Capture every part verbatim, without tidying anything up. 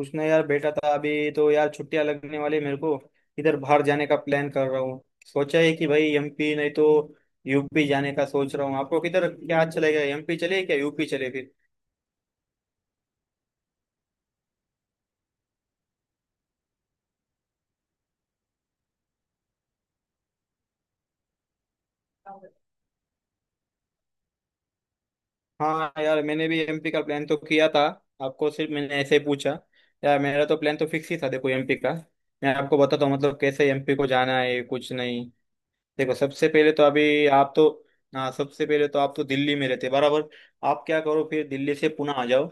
उसने यार बेटा था अभी तो यार छुट्टियां लगने वाली मेरे को इधर बाहर जाने का प्लान कर रहा हूँ। सोचा है कि भाई एमपी नहीं तो यूपी जाने का सोच रहा हूँ। आपको किधर क्या अच्छा लगेगा, एमपी चले क्या यूपी चले फिर? हाँ यार, मैंने भी एमपी का प्लान तो किया था। आपको सिर्फ मैंने ऐसे ही पूछा। यार मेरा तो प्लान तो फिक्स ही था, देखो एमपी का। मैं आपको बताता हूँ मतलब कैसे एमपी को जाना है, कुछ नहीं। देखो सबसे पहले तो अभी आप तो। हाँ सबसे पहले तो आप तो दिल्ली में रहते बराबर। आप क्या करो, फिर दिल्ली से पुणे आ जाओ।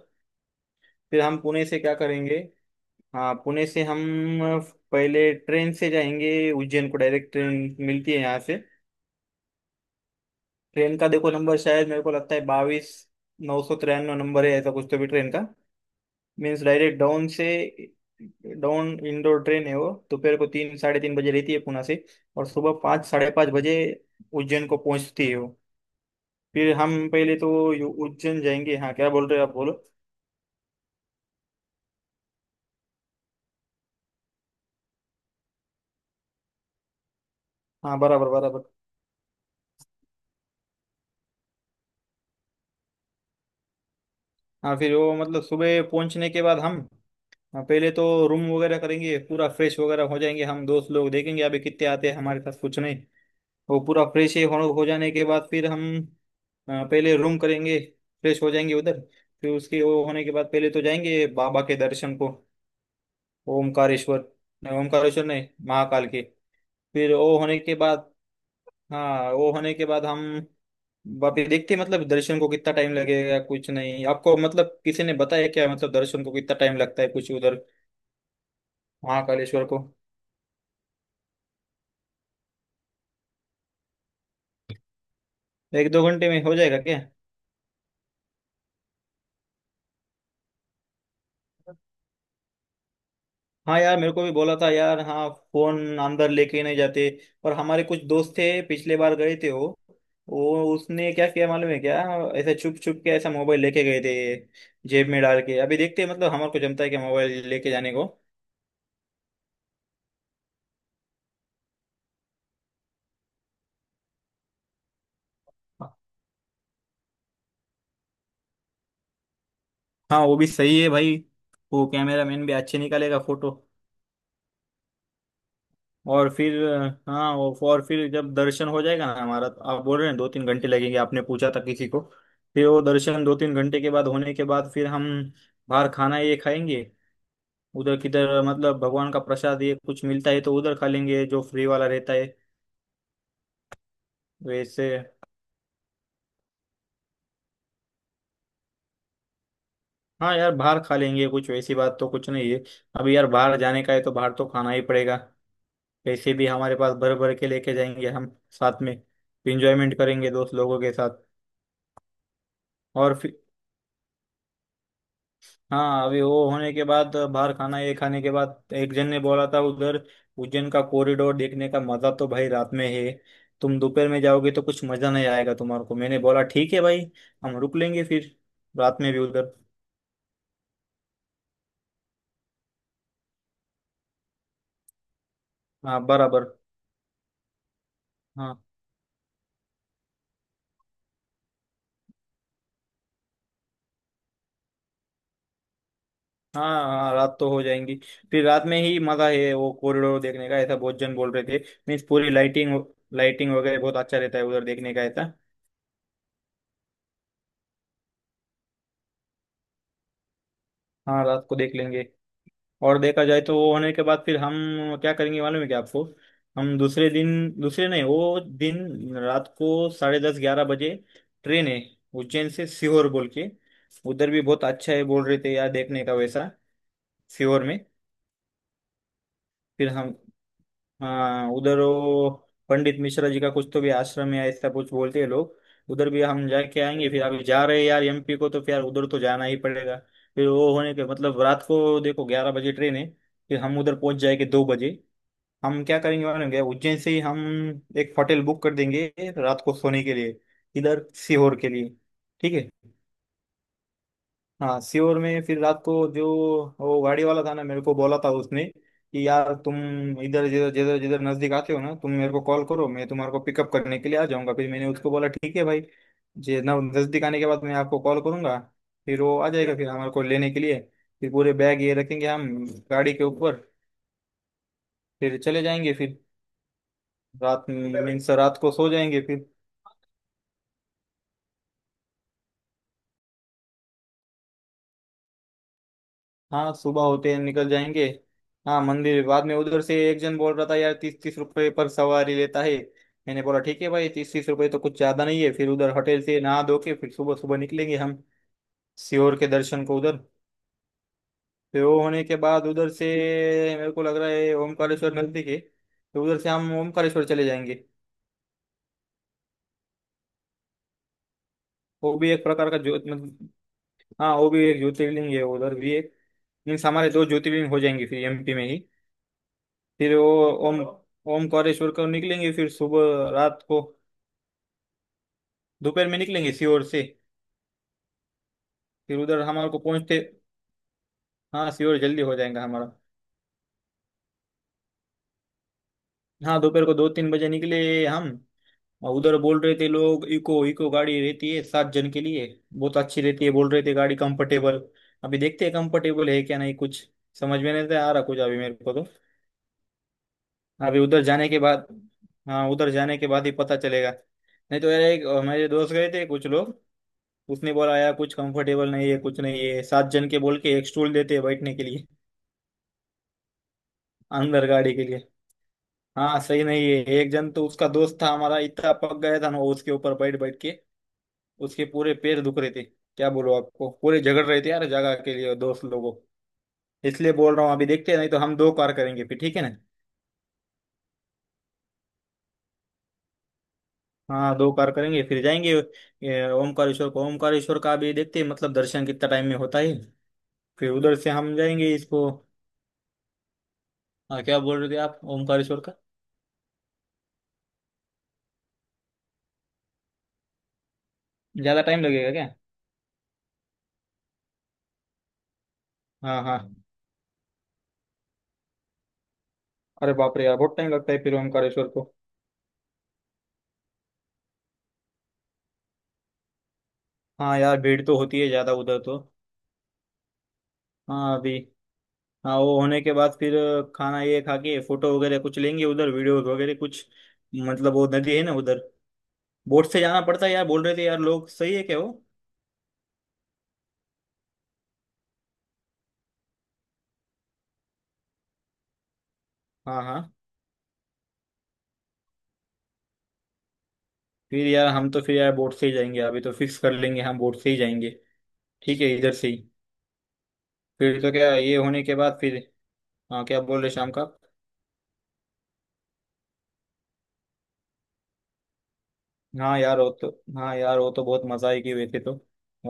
फिर हम पुणे से क्या करेंगे? हाँ पुणे से हम पहले ट्रेन से जाएंगे उज्जैन को, डायरेक्ट ट्रेन मिलती है यहाँ से। ट्रेन का देखो नंबर, शायद मेरे को लगता है बाईस नौ सौ तिरानवे नंबर है, ऐसा कुछ तो भी ट्रेन का। मीन्स डायरेक्ट डाउन से डाउन इंडोर ट्रेन है। वो दोपहर को तीन साढ़े तीन बजे रहती है पुणे से, और सुबह पाँच साढ़े पाँच बजे उज्जैन को पहुंचती है वो। फिर हम पहले तो यू- उज्जैन जाएंगे। हाँ क्या बोल रहे हो आप, बोलो। हाँ बराबर बराबर। हाँ फिर वो मतलब सुबह पहुंचने के बाद हम। हाँ पहले तो रूम वगैरह करेंगे, पूरा फ्रेश वगैरह हो जाएंगे, हम दोस्त लोग देखेंगे अभी कितने आते हैं हमारे पास, कुछ नहीं। वो पूरा फ्रेश हो हो जाने के बाद फिर हम अ, पहले रूम करेंगे, फ्रेश हो जाएंगे उधर। फिर उसके वो होने के बाद पहले तो जाएंगे बाबा के दर्शन को। ओमकारेश्वर नहीं, ओमकारेश्वर नहीं, महाकाल के। फिर वो होने के बाद। हाँ वो होने के बाद हम वापिस देखते हैं, मतलब दर्शन को कितना टाइम लगेगा कुछ नहीं, आपको मतलब किसी ने बताया क्या मतलब दर्शन को कितना टाइम लगता है कुछ उधर। महाकालेश्वर को। एक दो घंटे में हो जाएगा क्या? हाँ यार, मेरे को भी बोला था यार, हाँ। फोन अंदर लेके ही नहीं जाते। और हमारे कुछ दोस्त थे पिछले बार गए थे वो वो उसने क्या किया मालूम है क्या? ऐसे छुप छुप के ऐसा मोबाइल लेके गए थे, जेब में डाल के। अभी देखते हैं मतलब हमारे को जमता है क्या मोबाइल लेके जाने को। हाँ वो भी सही है भाई। वो कैमरा मैन भी अच्छे निकालेगा फोटो। और फिर। हाँ वो और फिर जब दर्शन हो जाएगा ना हमारा, तो आप बोल रहे हैं दो तीन घंटे लगेंगे, आपने पूछा था किसी को। फिर वो दर्शन दो तीन घंटे के बाद होने के बाद फिर हम बाहर खाना ये खाएंगे। उधर किधर मतलब भगवान का प्रसाद ये कुछ मिलता है तो उधर खा लेंगे जो फ्री वाला रहता है, वैसे। हाँ यार बाहर खा लेंगे, कुछ वैसी बात तो कुछ नहीं है। अभी यार बाहर जाने का है तो बाहर तो खाना ही पड़ेगा। पैसे भी हमारे पास भर भर के लेके जाएंगे हम साथ में। इंजॉयमेंट करेंगे दोस्त लोगों के साथ। और फिर। हाँ अभी वो होने के बाद बाहर खाना ये खाने के बाद एक जन ने बोला था उधर, उज्जैन का कॉरिडोर देखने का मजा तो भाई रात में है। तुम दोपहर में जाओगे तो कुछ मजा नहीं आएगा तुम्हारे को। मैंने बोला ठीक है भाई, हम रुक लेंगे फिर रात में भी उधर। हाँ बराबर। हाँ हाँ हाँ, रात तो हो जाएंगी। फिर रात में ही मजा है वो कॉरिडोर देखने का, ऐसा बहुत जन बोल रहे थे। मीन्स पूरी लाइटिंग, लाइटिंग वगैरह बहुत अच्छा रहता है उधर देखने का, ऐसा। हाँ रात को देख लेंगे। और देखा जाए तो वो होने के बाद फिर हम क्या करेंगे मालूम है क्या आपको? हम दूसरे दिन। दूसरे नहीं, वो दिन रात को साढ़े दस ग्यारह बजे ट्रेन है उज्जैन से सीहोर बोल के। उधर भी बहुत अच्छा है बोल रहे थे यार देखने का वैसा, सीहोर में। फिर हम। हाँ उधर वो पंडित मिश्रा जी का कुछ तो भी आश्रम है ऐसा कुछ बोलते हैं लोग। उधर भी हम जाके आएंगे, फिर अभी जा रहे हैं यार एमपी को तो फिर यार उधर तो जाना ही पड़ेगा। फिर वो होने के मतलब रात को देखो ग्यारह बजे ट्रेन है। फिर हम उधर पहुंच जाएंगे दो बजे। हम क्या करेंगे मालूम क्या? उज्जैन से ही हम एक होटल बुक कर देंगे रात को सोने के लिए इधर सीहोर के लिए, ठीक है। हाँ सीहोर में फिर रात को जो वो गाड़ी वाला था ना, मेरे को बोला था उसने कि यार तुम इधर जिधर जिधर जिधर नजदीक आते हो ना तुम मेरे को कॉल करो, मैं तुम्हारे को पिकअप करने के लिए आ जाऊंगा। फिर मैंने उसको बोला ठीक है भाई, जे ना नजदीक आने के बाद मैं आपको कॉल करूंगा। फिर वो आ जाएगा फिर हमारे को लेने के लिए। फिर पूरे बैग ये रखेंगे हम गाड़ी के ऊपर, फिर चले जाएंगे, फिर रात मीन्स रात को सो जाएंगे फिर। हाँ सुबह होते हैं निकल जाएंगे। हाँ मंदिर बाद में, उधर से एक जन बोल रहा था यार तीस तीस रुपए पर सवारी लेता है। मैंने बोला ठीक है भाई, तीस तीस रुपए तो कुछ ज्यादा नहीं है। फिर उधर होटल से नहा धो के फिर सुबह सुबह निकलेंगे हम, सियोर के दर्शन को उधर। फिर वो होने के बाद उधर से मेरे को लग रहा है ओमकारेश्वर नजदीक है तो उधर से हम ओमकारेश्वर चले जाएंगे। वो भी एक प्रकार का ज्यो मतलब। हाँ वो भी एक ज्योतिर्लिंग है उधर भी एक। मीन्स हमारे दो ज्योतिर्लिंग हो जाएंगे फिर एमपी में ही। फिर वो ओम ओमकारेश्वर को निकलेंगे फिर, सुबह रात को। दोपहर में निकलेंगे सीहोर से। फिर उधर हमारे को पहुंचते। हाँ सीहोर जल्दी हो जाएगा हमारा। हाँ दोपहर को दो तीन बजे निकले हम। और उधर बोल रहे थे लोग इको इको गाड़ी रहती है सात जन के लिए, बहुत अच्छी रहती है बोल रहे थे गाड़ी, कंफर्टेबल। अभी देखते हैं कंफर्टेबल है क्या नहीं, कुछ समझ में नहीं आ रहा कुछ अभी मेरे को तो। अभी उधर जाने के बाद। हाँ उधर जाने के बाद ही पता चलेगा। नहीं तो यार एक अ, मेरे दोस्त गए थे कुछ लोग, उसने बोला यार कुछ कंफर्टेबल नहीं है, कुछ नहीं है, सात जन के बोल के एक स्टूल देते हैं बैठने के लिए अंदर गाड़ी के लिए। हाँ सही नहीं है, एक जन तो उसका दोस्त था हमारा इतना पक गया था ना वो उसके ऊपर बैठ बैठ के। उसके पूरे पैर दुख रहे थे क्या बोलो आपको, पूरे झगड़ रहे थे यार जगह के लिए दोस्त लोगों। इसलिए बोल रहा हूँ अभी देखते हैं, नहीं तो हम दो कार करेंगे फिर, ठीक है ना। हाँ दो कार करेंगे फिर जाएंगे ये, ओमकारेश्वर को। ओमकारेश्वर का भी देखते हैं मतलब दर्शन कितना टाइम में होता है। फिर उधर से हम जाएंगे इसको। हाँ, क्या बोल रहे थे आप ओमकारेश्वर का? ज्यादा टाइम लगेगा क्या? हाँ हाँ। अरे बाप रे यार बहुत टाइम लगता है फिर ओमकारेश्वर को। हाँ यार भीड़ तो होती है ज़्यादा उधर तो। हाँ अभी। हाँ वो होने के बाद फिर खाना ये खा के फोटो वगैरह कुछ लेंगे उधर, वीडियोस वगैरह कुछ। मतलब वो नदी है ना उधर, बोट से जाना पड़ता है यार बोल रहे थे यार लोग, सही है क्या वो? हाँ हाँ। फिर यार हम तो फिर यार बोट से ही जाएंगे, अभी तो फिक्स कर लेंगे हम बोट से ही जाएंगे, ठीक है, इधर से ही। फिर तो क्या ये होने के बाद फिर। हाँ क्या बोल रहे शाम का? हाँ यार वो तो। हाँ यार वो तो बहुत मजा आएगी वैसे तो।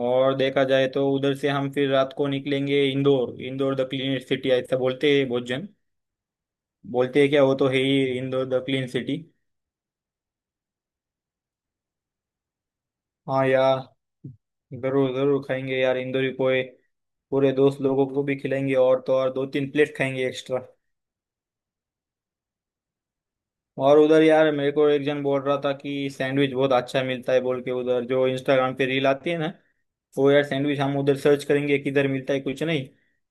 और देखा जाए तो उधर से हम फिर रात को निकलेंगे Indore, Indore the clean city ऐसा बोलते हैं बहुत जन। बोलते हैं क्या, वो तो है ही इंदौर द क्लीन सिटी। हाँ यार जरूर जरूर खाएंगे यार इंदौरी पोहे। पूरे दोस्त लोगों को भी खिलाएंगे और तो और दो तीन प्लेट खाएंगे एक्स्ट्रा। और उधर यार मेरे को एक जन बोल रहा था कि सैंडविच बहुत अच्छा मिलता है बोल के उधर, जो इंस्टाग्राम पे रील आती है ना वो, यार सैंडविच हम उधर सर्च करेंगे किधर मिलता है कुछ नहीं।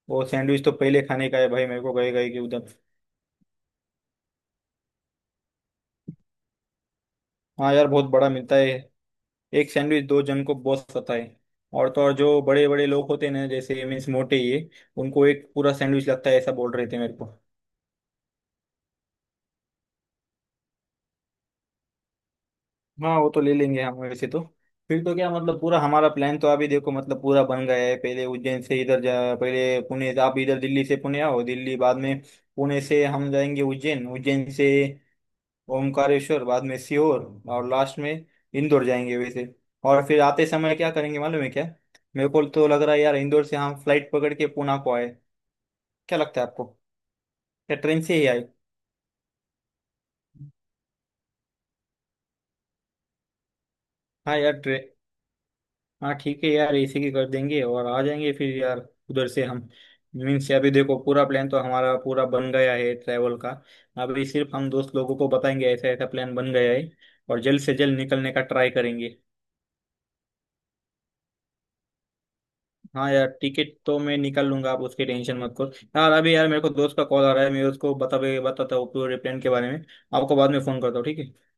वो सैंडविच तो पहले खाने का है भाई, मेरे को गए गए कि उधर। हाँ यार बहुत बड़ा मिलता है, एक सैंडविच दो जन को बहुत सता है। और तो और जो बड़े बड़े लोग होते हैं ना जैसे मीन्स मोटे ये, उनको एक पूरा सैंडविच लगता है ऐसा बोल रहे थे मेरे को। हाँ वो तो ले लेंगे हम वैसे तो। फिर तो क्या मतलब पूरा हमारा प्लान तो अभी देखो मतलब पूरा बन गया है। पहले उज्जैन से इधर जा, पहले पुणे, आप इधर दिल्ली से पुणे आओ दिल्ली बाद में। पुणे से हम जाएंगे उज्जैन, उज्जैन से ओमकारेश्वर, बाद में सीहोर, और लास्ट में इंदौर जाएंगे वैसे। और फिर आते समय क्या करेंगे मालूम है क्या? मेरे को तो लग रहा है यार इंदौर से हम फ्लाइट पकड़ के पुणे को आए, क्या लगता है आपको, या ट्रेन से ही आए? हाँ यार ट्रेन, हाँ ठीक है यार इसी की कर देंगे और आ जाएंगे फिर यार उधर से हम। मीन्स अभी देखो पूरा प्लान तो हमारा पूरा बन गया है ट्रैवल का। अभी सिर्फ हम दोस्त लोगों को बताएंगे ऐसा ऐसा प्लान बन गया है, और जल्द से जल्द निकलने का ट्राई करेंगे। हाँ यार टिकट तो मैं निकाल लूंगा आप उसकी टेंशन मत करो। यार अभी यार मेरे को दोस्त का कॉल आ रहा है, मैं उसको बता बताता हूँ पूरे प्लान के बारे में। आपको बाद में फोन करता हूँ ठीक है।